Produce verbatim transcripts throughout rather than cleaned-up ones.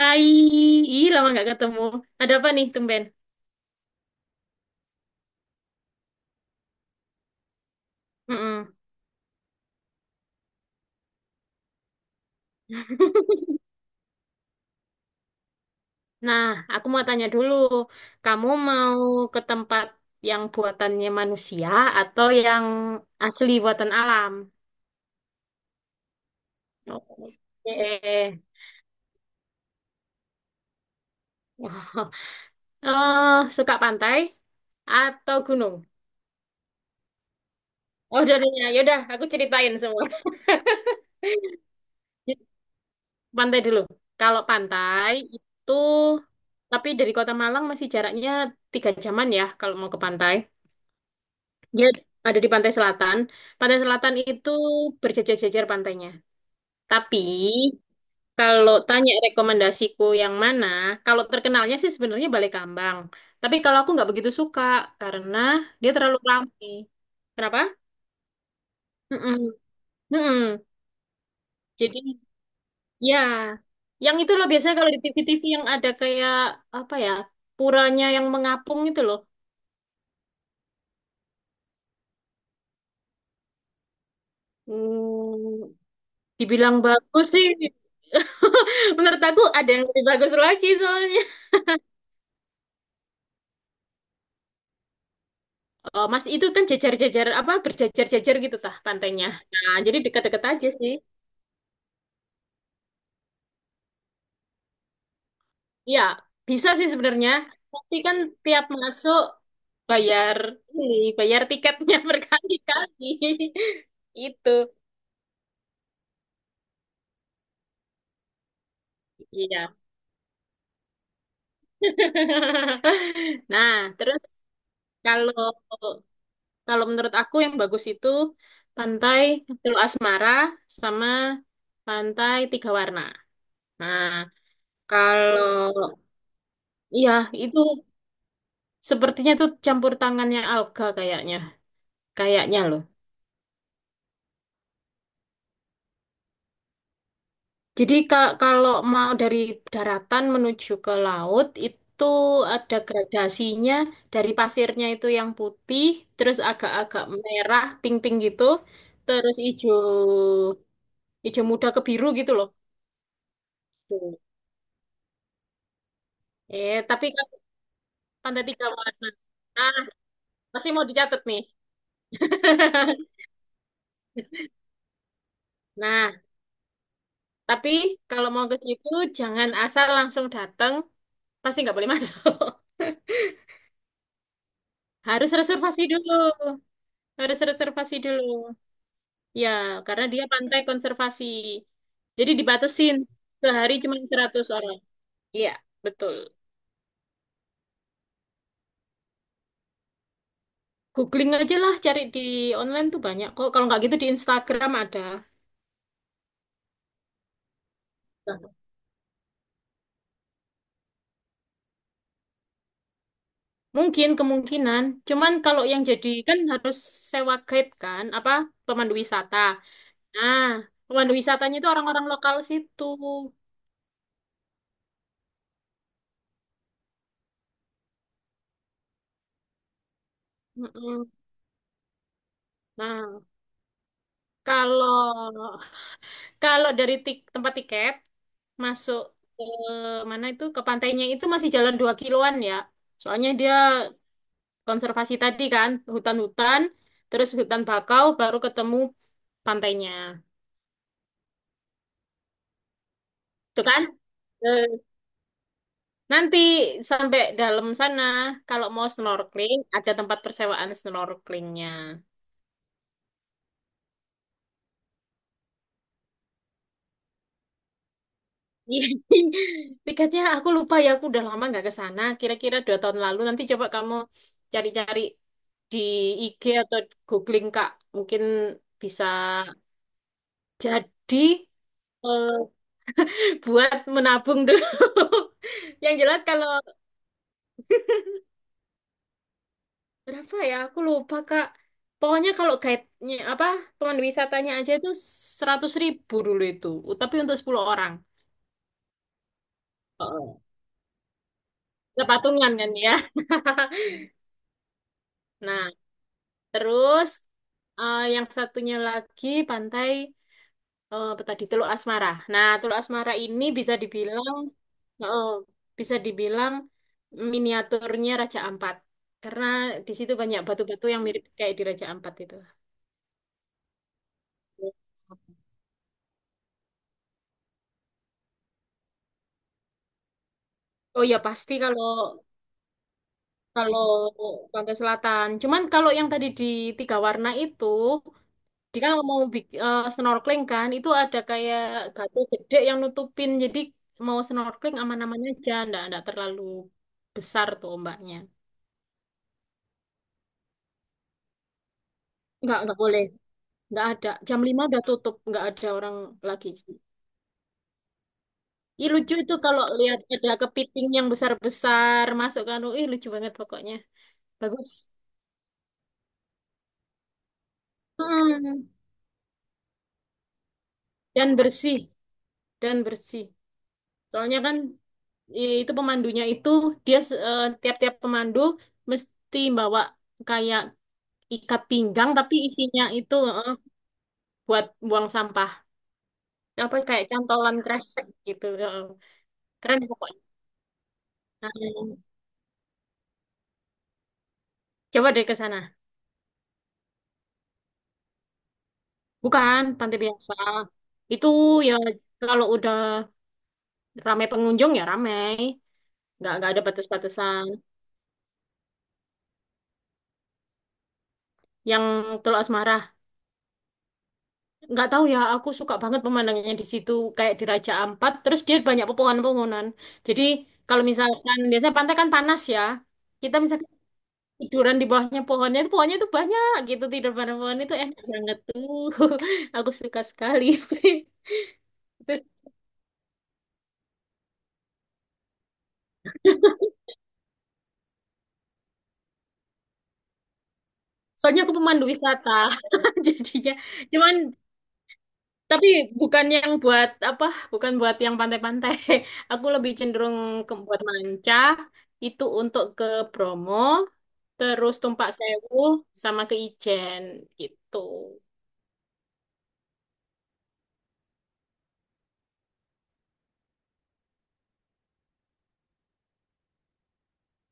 Hai, ih lama nggak ketemu. Ada apa nih, tumben? Mm-mm. Nah, aku mau tanya dulu, kamu mau ke tempat yang buatannya manusia atau yang asli buatan alam? Oke. Eh, suka pantai atau gunung? Oh, udah, udah, ya udah, aku ceritain semua. Pantai dulu. Kalau pantai itu, tapi dari Kota Malang masih jaraknya tiga jaman ya kalau mau ke pantai. Dia ada di pantai selatan. Pantai selatan itu berjejer-jejer pantainya. Tapi kalau tanya rekomendasiku yang mana, kalau terkenalnya sih sebenarnya Balai Kambang. Tapi kalau aku nggak begitu suka karena dia terlalu ramai. Kenapa? Mm-mm. Mm-mm. Jadi ya, yang itu loh biasanya kalau di T V-T V yang ada kayak apa ya, puranya yang mengapung itu loh. Hmm, dibilang bagus sih. Menurut aku ada yang lebih bagus lagi soalnya. Oh, Mas itu kan jejer-jejer apa berjejer-jejer gitu tah pantainya. Nah, jadi dekat-dekat aja sih. Iya, bisa sih sebenarnya. Tapi kan tiap masuk bayar ini, bayar tiketnya berkali-kali. Itu. Iya. Nah, terus kalau kalau menurut aku yang bagus itu pantai Teluk Asmara sama pantai Tiga Warna. Nah, kalau iya itu sepertinya itu campur tangannya alga kayaknya, kayaknya loh. Jadi ka- kalau mau dari daratan menuju ke laut itu ada gradasinya dari pasirnya itu yang putih, terus agak-agak merah, pink-pink gitu, terus hijau hijau muda ke biru gitu loh. Tuh. Eh, tapi kan pantai tiga warna. Ah, pasti mau dicatat nih. Nah, tapi kalau mau ke situ jangan asal langsung datang, pasti nggak boleh masuk. Harus reservasi dulu. Harus reservasi dulu. Ya, karena dia pantai konservasi. Jadi dibatasin sehari cuma seratus orang. Iya, betul. Googling aja lah cari di online tuh banyak kok. Kalau nggak gitu di Instagram ada. Nah, mungkin kemungkinan. Cuman kalau yang jadi kan harus sewa guide kan, apa pemandu wisata. Nah, pemandu wisatanya itu orang-orang lokal situ. Mm-mm. Nah, kalau kalau dari tik- tempat tiket masuk ke mana itu ke pantainya itu masih jalan dua kiloan ya. Soalnya dia konservasi tadi kan, hutan-hutan, terus hutan bakau baru ketemu pantainya. Itu kan? Eh, nanti sampai dalam sana kalau mau snorkeling ada tempat persewaan snorkelingnya. Tiketnya aku lupa ya, aku udah lama nggak ke sana. Kira-kira dua tahun lalu. Nanti coba kamu cari-cari di I G atau googling Kak, mungkin bisa jadi eh, buat menabung dulu. Yang jelas kalau berapa ya? Aku lupa Kak. Pokoknya kalau guide-nya apa pemandu wisatanya aja itu seratus ribu dulu itu. Tapi untuk sepuluh orang. Oh. Kita patungan kan ya. Nah, terus eh, yang satunya lagi pantai. eh, apa tadi Teluk Asmara. Nah, Teluk Asmara ini bisa dibilang eh, bisa dibilang miniaturnya Raja Ampat karena di situ banyak batu-batu yang mirip kayak di Raja Ampat itu. Oh ya pasti kalau kalau pantai selatan. Cuman kalau yang tadi di tiga warna itu, jika mau bik- eh, snorkeling kan, itu ada kayak batu gede yang nutupin. Jadi mau snorkeling aman-aman aja, ndak ndak terlalu besar tuh ombaknya. Nggak nggak boleh. Nggak ada. Jam lima udah tutup, nggak ada orang lagi. Ih lucu itu kalau lihat ada kepiting yang besar-besar masuk ke anu. Ih lucu banget pokoknya. Bagus. Mm. Dan bersih, dan bersih. Soalnya kan i- itu pemandunya itu dia se- eh, tiap-tiap pemandu mesti bawa kayak ikat pinggang tapi isinya itu eh, buat buang sampah. Apa kayak cantolan kresek gitu. eh. Keren pokoknya. Nah, coba deh ke sana. Bukan pantai biasa. Itu ya kalau udah ramai pengunjung ya ramai. Nggak, nggak ada batas-batasan. Yang Teluk Asmara, nggak tahu ya. Aku suka banget pemandangannya di situ. Kayak di Raja Ampat. Terus dia banyak pepohonan-pepohonan. Jadi kalau misalkan biasanya pantai kan panas ya. Kita misalkan tiduran di bawahnya pohonnya itu pohonnya itu banyak gitu tidur bareng pohon itu enak banget tuh. Aku suka sekali. Terus soalnya aku pemandu wisata jadinya. Cuman tapi bukan yang buat apa, bukan buat yang pantai-pantai. Aku lebih cenderung ke buat manca, itu untuk ke Bromo, terus Tumpak Sewu, sama ke Ijen gitu.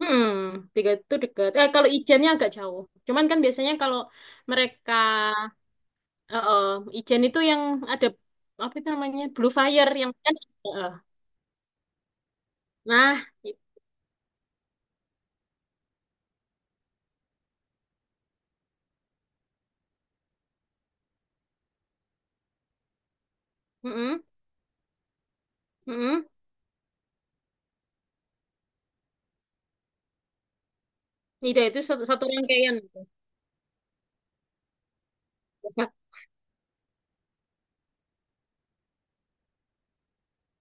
Hmm, tiga itu dekat. Eh, kalau Ijennya agak jauh. Cuman kan biasanya kalau mereka eh, eh, Ijen itu yang ada apa itu namanya Blue Fire yang kan. eh, eh. Nah, itu. Mm-mm, mm-mm. Itu itu satu, satu rangkaian.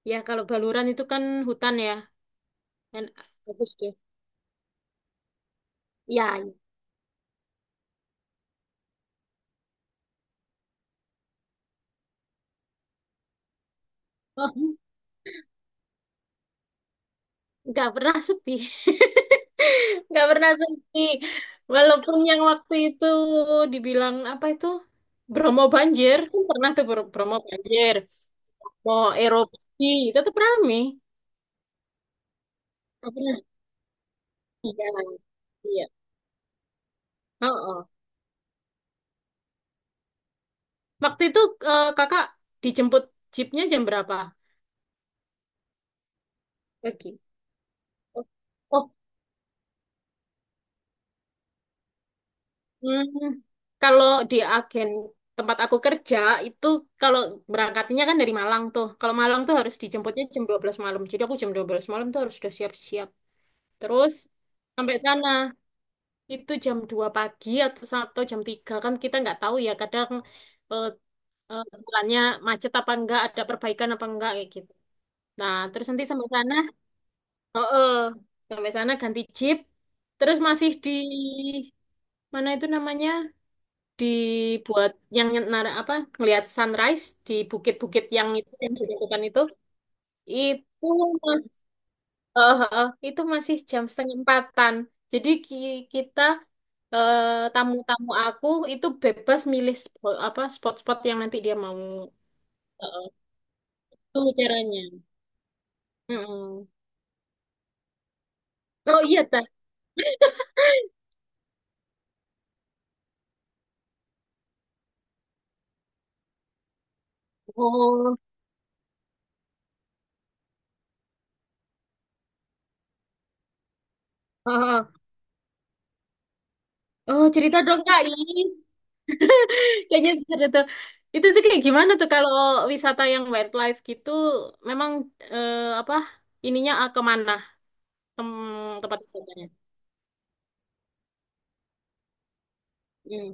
Ya, kalau Baluran itu kan hutan ya. Dan bagus deh. Ya, oh, nggak pernah sepi. Nggak pernah sepi. Walaupun yang waktu itu dibilang apa itu Bromo banjir, kan pernah tuh Bro- Bromo banjir. Mau erupsi, tetap rame. Nggak pernah. Iya, iya. Oh, oh. Waktu itu eh, kakak dijemput jeepnya jam berapa? Pagi. Oh. Hmm, kalau di agen tempat aku kerja itu kalau berangkatnya kan dari Malang tuh. Kalau Malang tuh harus dijemputnya jam dua belas malam. Jadi aku jam dua belas malam tuh harus sudah siap-siap. Terus sampai sana itu jam dua pagi atau atau jam tiga kan kita nggak tahu ya kadang eh, eh, jalannya macet apa enggak, ada perbaikan apa enggak kayak gitu. Nah, terus nanti sampai sana, oh, eh, sampai sana ganti jeep, terus masih di mana itu namanya? Dibuat yang nara apa ngelihat sunrise di bukit-bukit yang itu yang ditentukan itu itu mas eh, eh, itu masih jam setengah empatan jadi ki- kita eh, tamu-tamu aku itu bebas milih spo- apa spot-spot yang nanti dia mau eh, itu caranya. Mm-mm. Oh, iya, Teh. Oh. eh, eh. Oh, cerita dong, Kak. Kayaknya seru tuh. Itu tuh kayak gimana tuh kalau wisata yang wildlife gitu, memang eh, apa ininya ah, kemana tem tempat wisatanya? Hmm.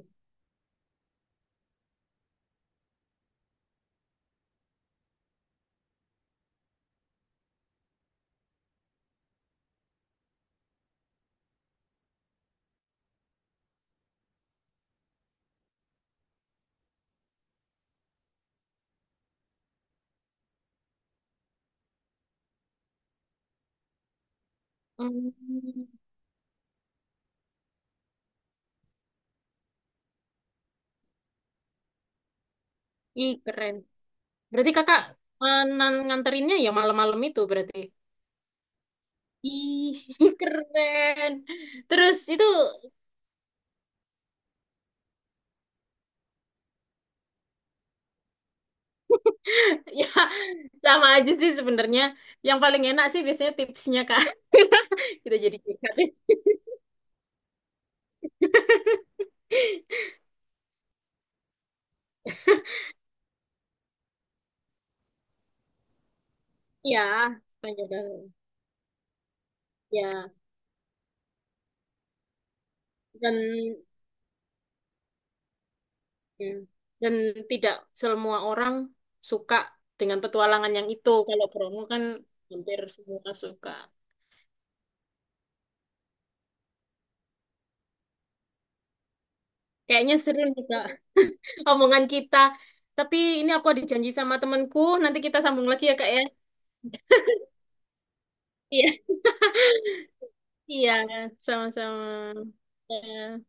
Hmm. Ih, keren. Berarti kakak eh, nan- nganterinnya ya malam-malam itu berarti. Ih, keren. Terus itu ya sama aja sih sebenarnya. Yang paling enak sih biasanya tipsnya Kak. Kita jadi gratis. Ya, sepanjang tahun. Ya, dan ya. Dan tidak semua orang suka dengan petualangan yang itu. Kalau Bromo kan hampir semua suka. Kayaknya seru nih Kak, omongan kita. Tapi ini aku ada janji sama temanku, nanti kita sambung lagi ya Kak ya. Iya, iya, sama-sama. Ya.